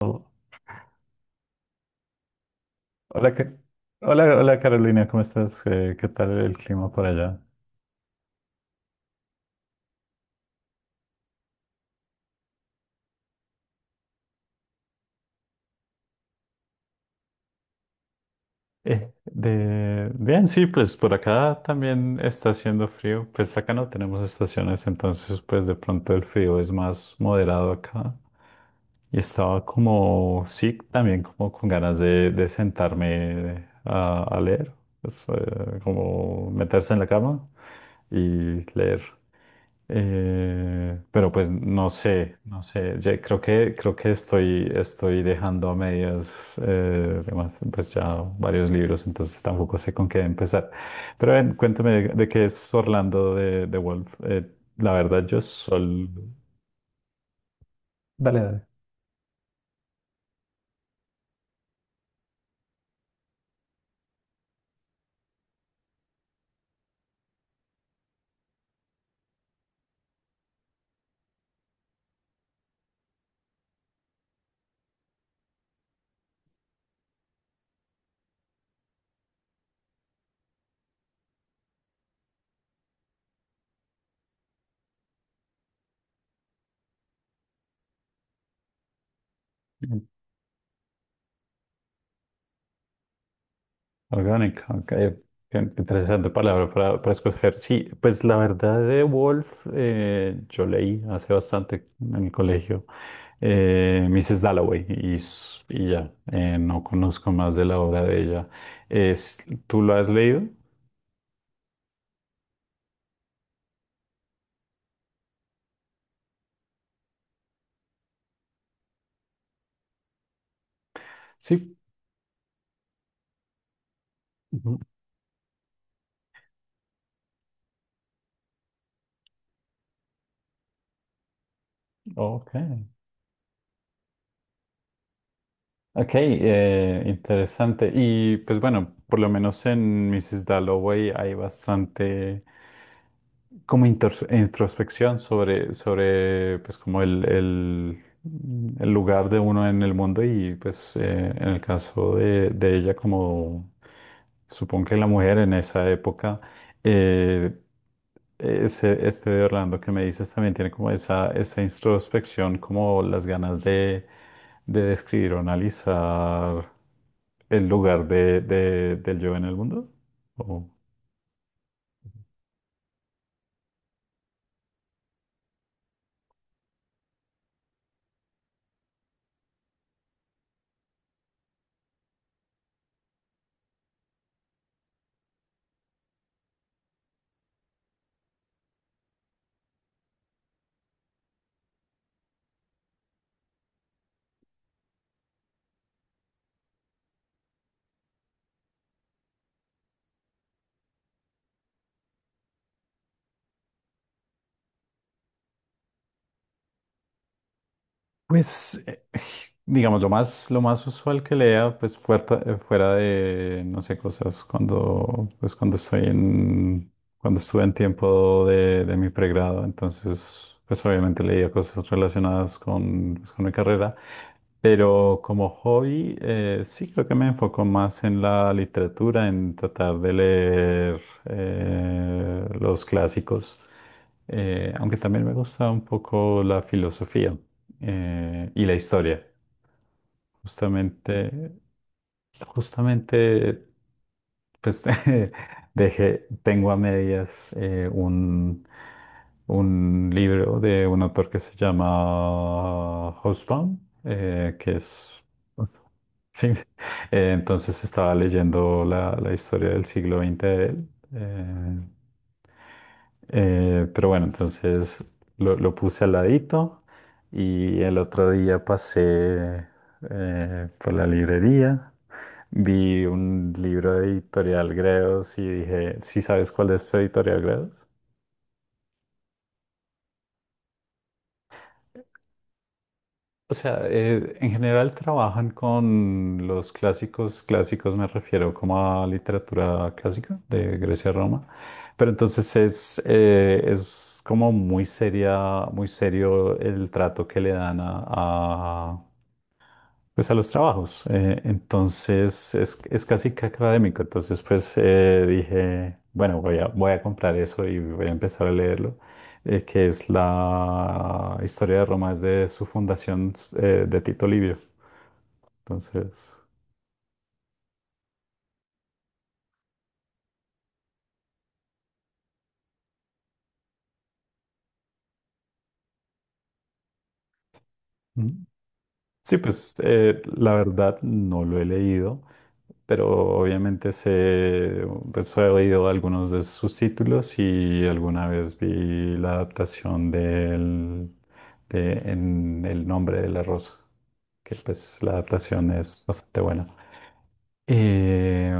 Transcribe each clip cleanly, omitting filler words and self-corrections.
Oh, hola, hola, Carolina, ¿cómo estás? ¿Qué tal el clima por allá? Bien, sí, pues por acá también está haciendo frío. Pues acá no tenemos estaciones, entonces pues de pronto el frío es más moderado acá. Y estaba como, sí, también como con ganas de sentarme a leer, pues, como meterse en la cama y leer. Pero pues no sé, no sé. Ya creo creo que estoy, estoy dejando a medias además, pues ya varios libros, entonces tampoco sé con qué empezar. Pero ven, cuéntame de qué es Orlando de Wolf. La verdad, yo solo dale, dale. Orgánica, ok. Qué interesante palabra para escoger. Sí, pues la verdad de Wolf, yo leí hace bastante en el colegio Mrs. Dalloway y ya, no conozco más de la obra de ella. Es, ¿tú lo has leído? Sí. Ujú. Ok. Ok, interesante. Y pues bueno, por lo menos en Mrs. Dalloway hay bastante como introspección sobre, sobre pues como el lugar de uno en el mundo y pues en el caso de ella como supongo que la mujer en esa época. Eh, este de Orlando que me dices también tiene como esa introspección, como las ganas de describir o analizar el lugar del yo en el mundo. ¿O? Pues, digamos, lo más usual que lea, pues fuera, de, no sé, cosas cuando, pues cuando estoy en, cuando estuve en tiempo de mi pregrado, entonces, pues obviamente leía cosas relacionadas con, pues, con mi carrera, pero como hobby, sí creo que me enfoco más en la literatura, en tratar de leer los clásicos, aunque también me gusta un poco la filosofía y la historia. Justamente, justamente, pues dejé, tengo a medias un libro de un autor que se llama Housebound, que es... pues, sí, entonces estaba leyendo la historia del siglo XX de él. eh, pero bueno, entonces lo puse al ladito y el otro día pasé por la librería, vi un libro de Editorial Gredos y dije, ¿sí sabes cuál es Editorial Gredos? O sea, en general trabajan con los clásicos, clásicos me refiero como a literatura clásica de Grecia a Roma, pero entonces es como muy seria, muy serio el trato que le dan a, pues a los trabajos. Entonces es casi que académico. Entonces pues dije, bueno, voy a, voy a comprar eso y voy a empezar a leerlo, que es la historia de Roma desde su fundación de Tito Livio. Entonces... ujú. Sí, pues la verdad no lo he leído, pero obviamente sé, pues he oído algunos de sus títulos y alguna vez vi la adaptación del, de En el nombre de la rosa, que pues la adaptación es bastante buena. Eh,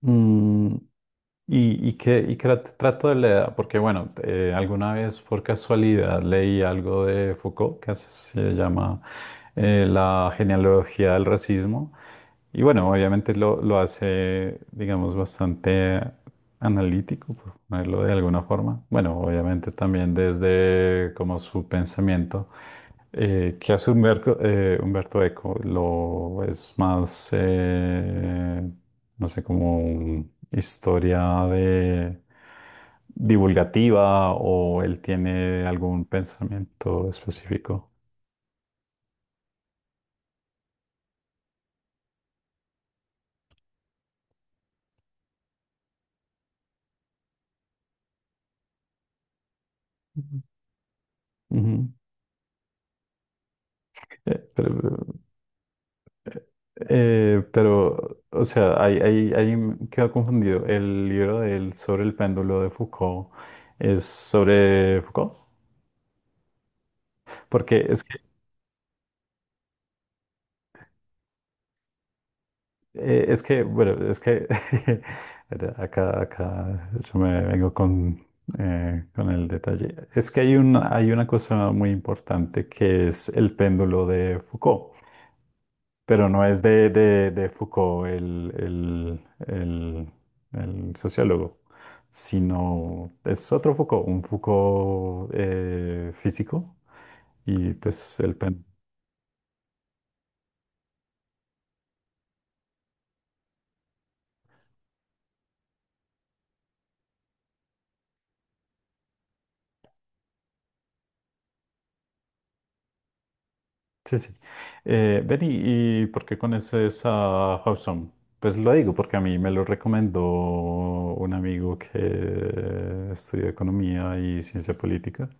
mm, y que trato de leer, porque bueno, alguna vez por casualidad leí algo de Foucault, que así se llama La genealogía del racismo. Y bueno, obviamente lo hace, digamos, bastante analítico, por ponerlo de alguna forma. Bueno, obviamente también desde como su pensamiento, que hace Humberto, Humberto Eco, lo es más, no sé, como historia de divulgativa o él tiene algún pensamiento específico. Ujú. Ujú. Eh, pero, eh, pero, o sea, ahí me quedo confundido. El libro de él sobre el péndulo de Foucault es sobre Foucault, porque es que, bueno, es que acá, acá yo me vengo con el detalle. Es que hay una cosa muy importante que es el péndulo de Foucault, pero no es de Foucault el el sociólogo, sino es otro Foucault, un Foucault físico. Y pues el péndulo. Sí, sí. Ven, y por qué conoces a Hobson? Pues lo digo porque a mí me lo recomendó un amigo que estudia economía y ciencia política.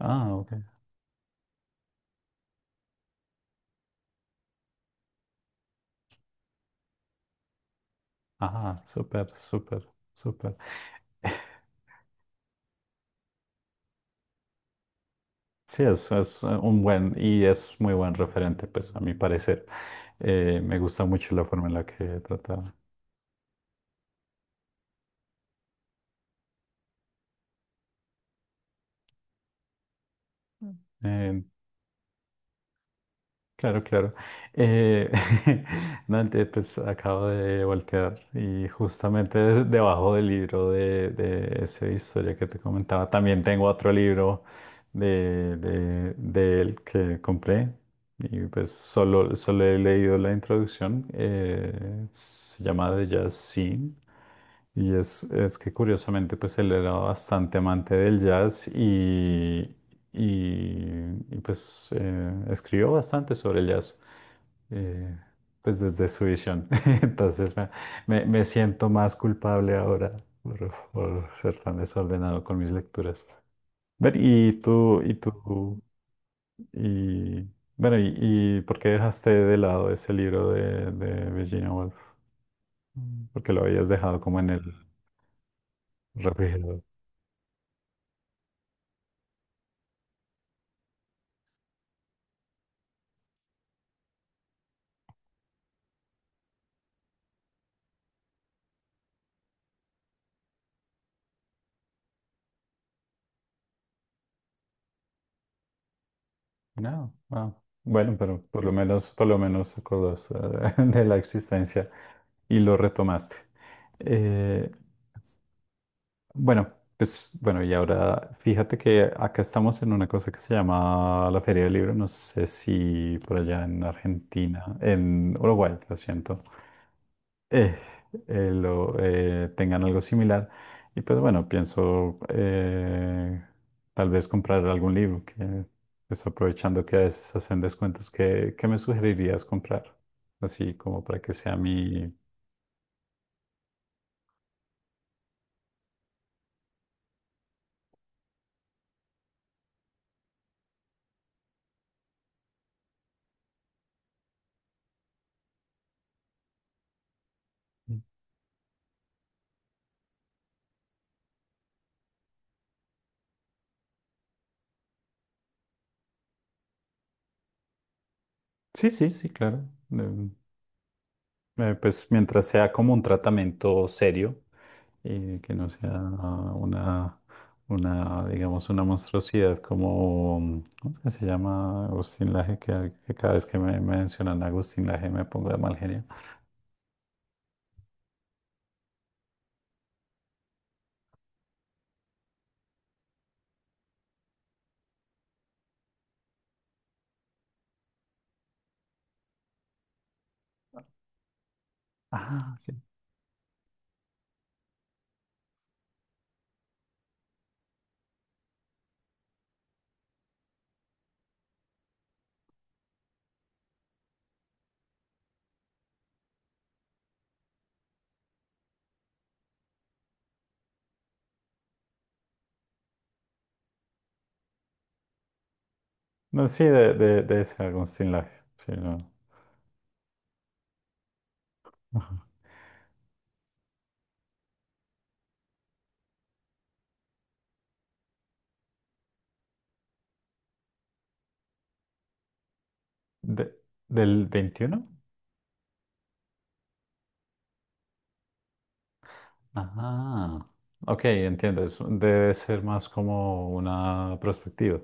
Ah, ok. Ajá, súper, súper, súper. Sí, es un buen y es muy buen referente, pues a mi parecer. Me gusta mucho la forma en la que trata. Mm. eh, Claro, claro. Eh, Dante, pues acabo de voltear y justamente debajo del libro de esa historia que te comentaba, también tengo otro libro de él que compré y pues solo, solo he leído la introducción. Se llama The Jazz Scene y es que curiosamente pues él era bastante amante del jazz pues escribió bastante sobre el jazz eh, pues desde su visión. Entonces me, Me siento más culpable ahora por ser tan desordenado con mis lecturas. Ver, y tú, y bueno, y ¿por qué dejaste de lado ese libro de Virginia Woolf? Mm. ¿Por qué lo habías dejado como en el refrigerador? No, ah, bueno, pero por lo menos acordaste de la existencia y lo retomaste. Eh, bueno, pues bueno, y ahora fíjate que acá estamos en una cosa que se llama la Feria del Libro. No sé si por allá en Argentina, en Uruguay, lo siento eh, tengan algo similar. Y pues bueno, pienso tal vez comprar algún libro, que pues aprovechando que a veces hacen descuentos, ¿qué, qué me sugerirías comprar? Así como para que sea mi... Sí, sí, sí, claro. Em, pues mientras sea como un tratamiento serio, que no sea una, una, digamos, una monstruosidad como, ¿cómo es que se llama? Agustín Laje, que cada vez que me mencionan a Agustín Laje me pongo de mal genio. Ah, sí. No, sí, de ese Agustín Laje, sí, no. De- ¿del XXI? Ah, ok, entiendo, debe ser más como una perspectiva.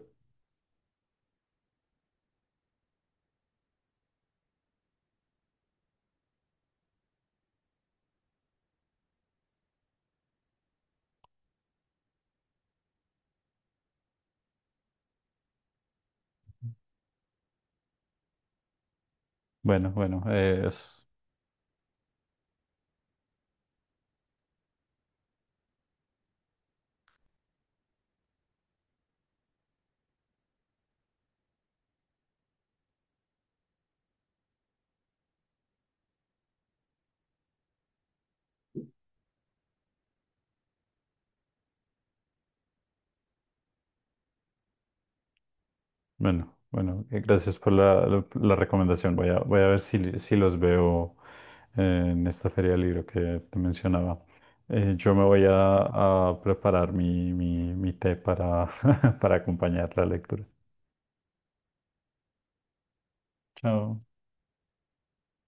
Bueno, bueno, es... Bueno, bueno, gracias por la recomendación. Voy a, voy a ver si, si los veo eh, en esta feria del libro que te mencionaba. Yo me voy a preparar mi, mi té para, para acompañar la lectura. Chao.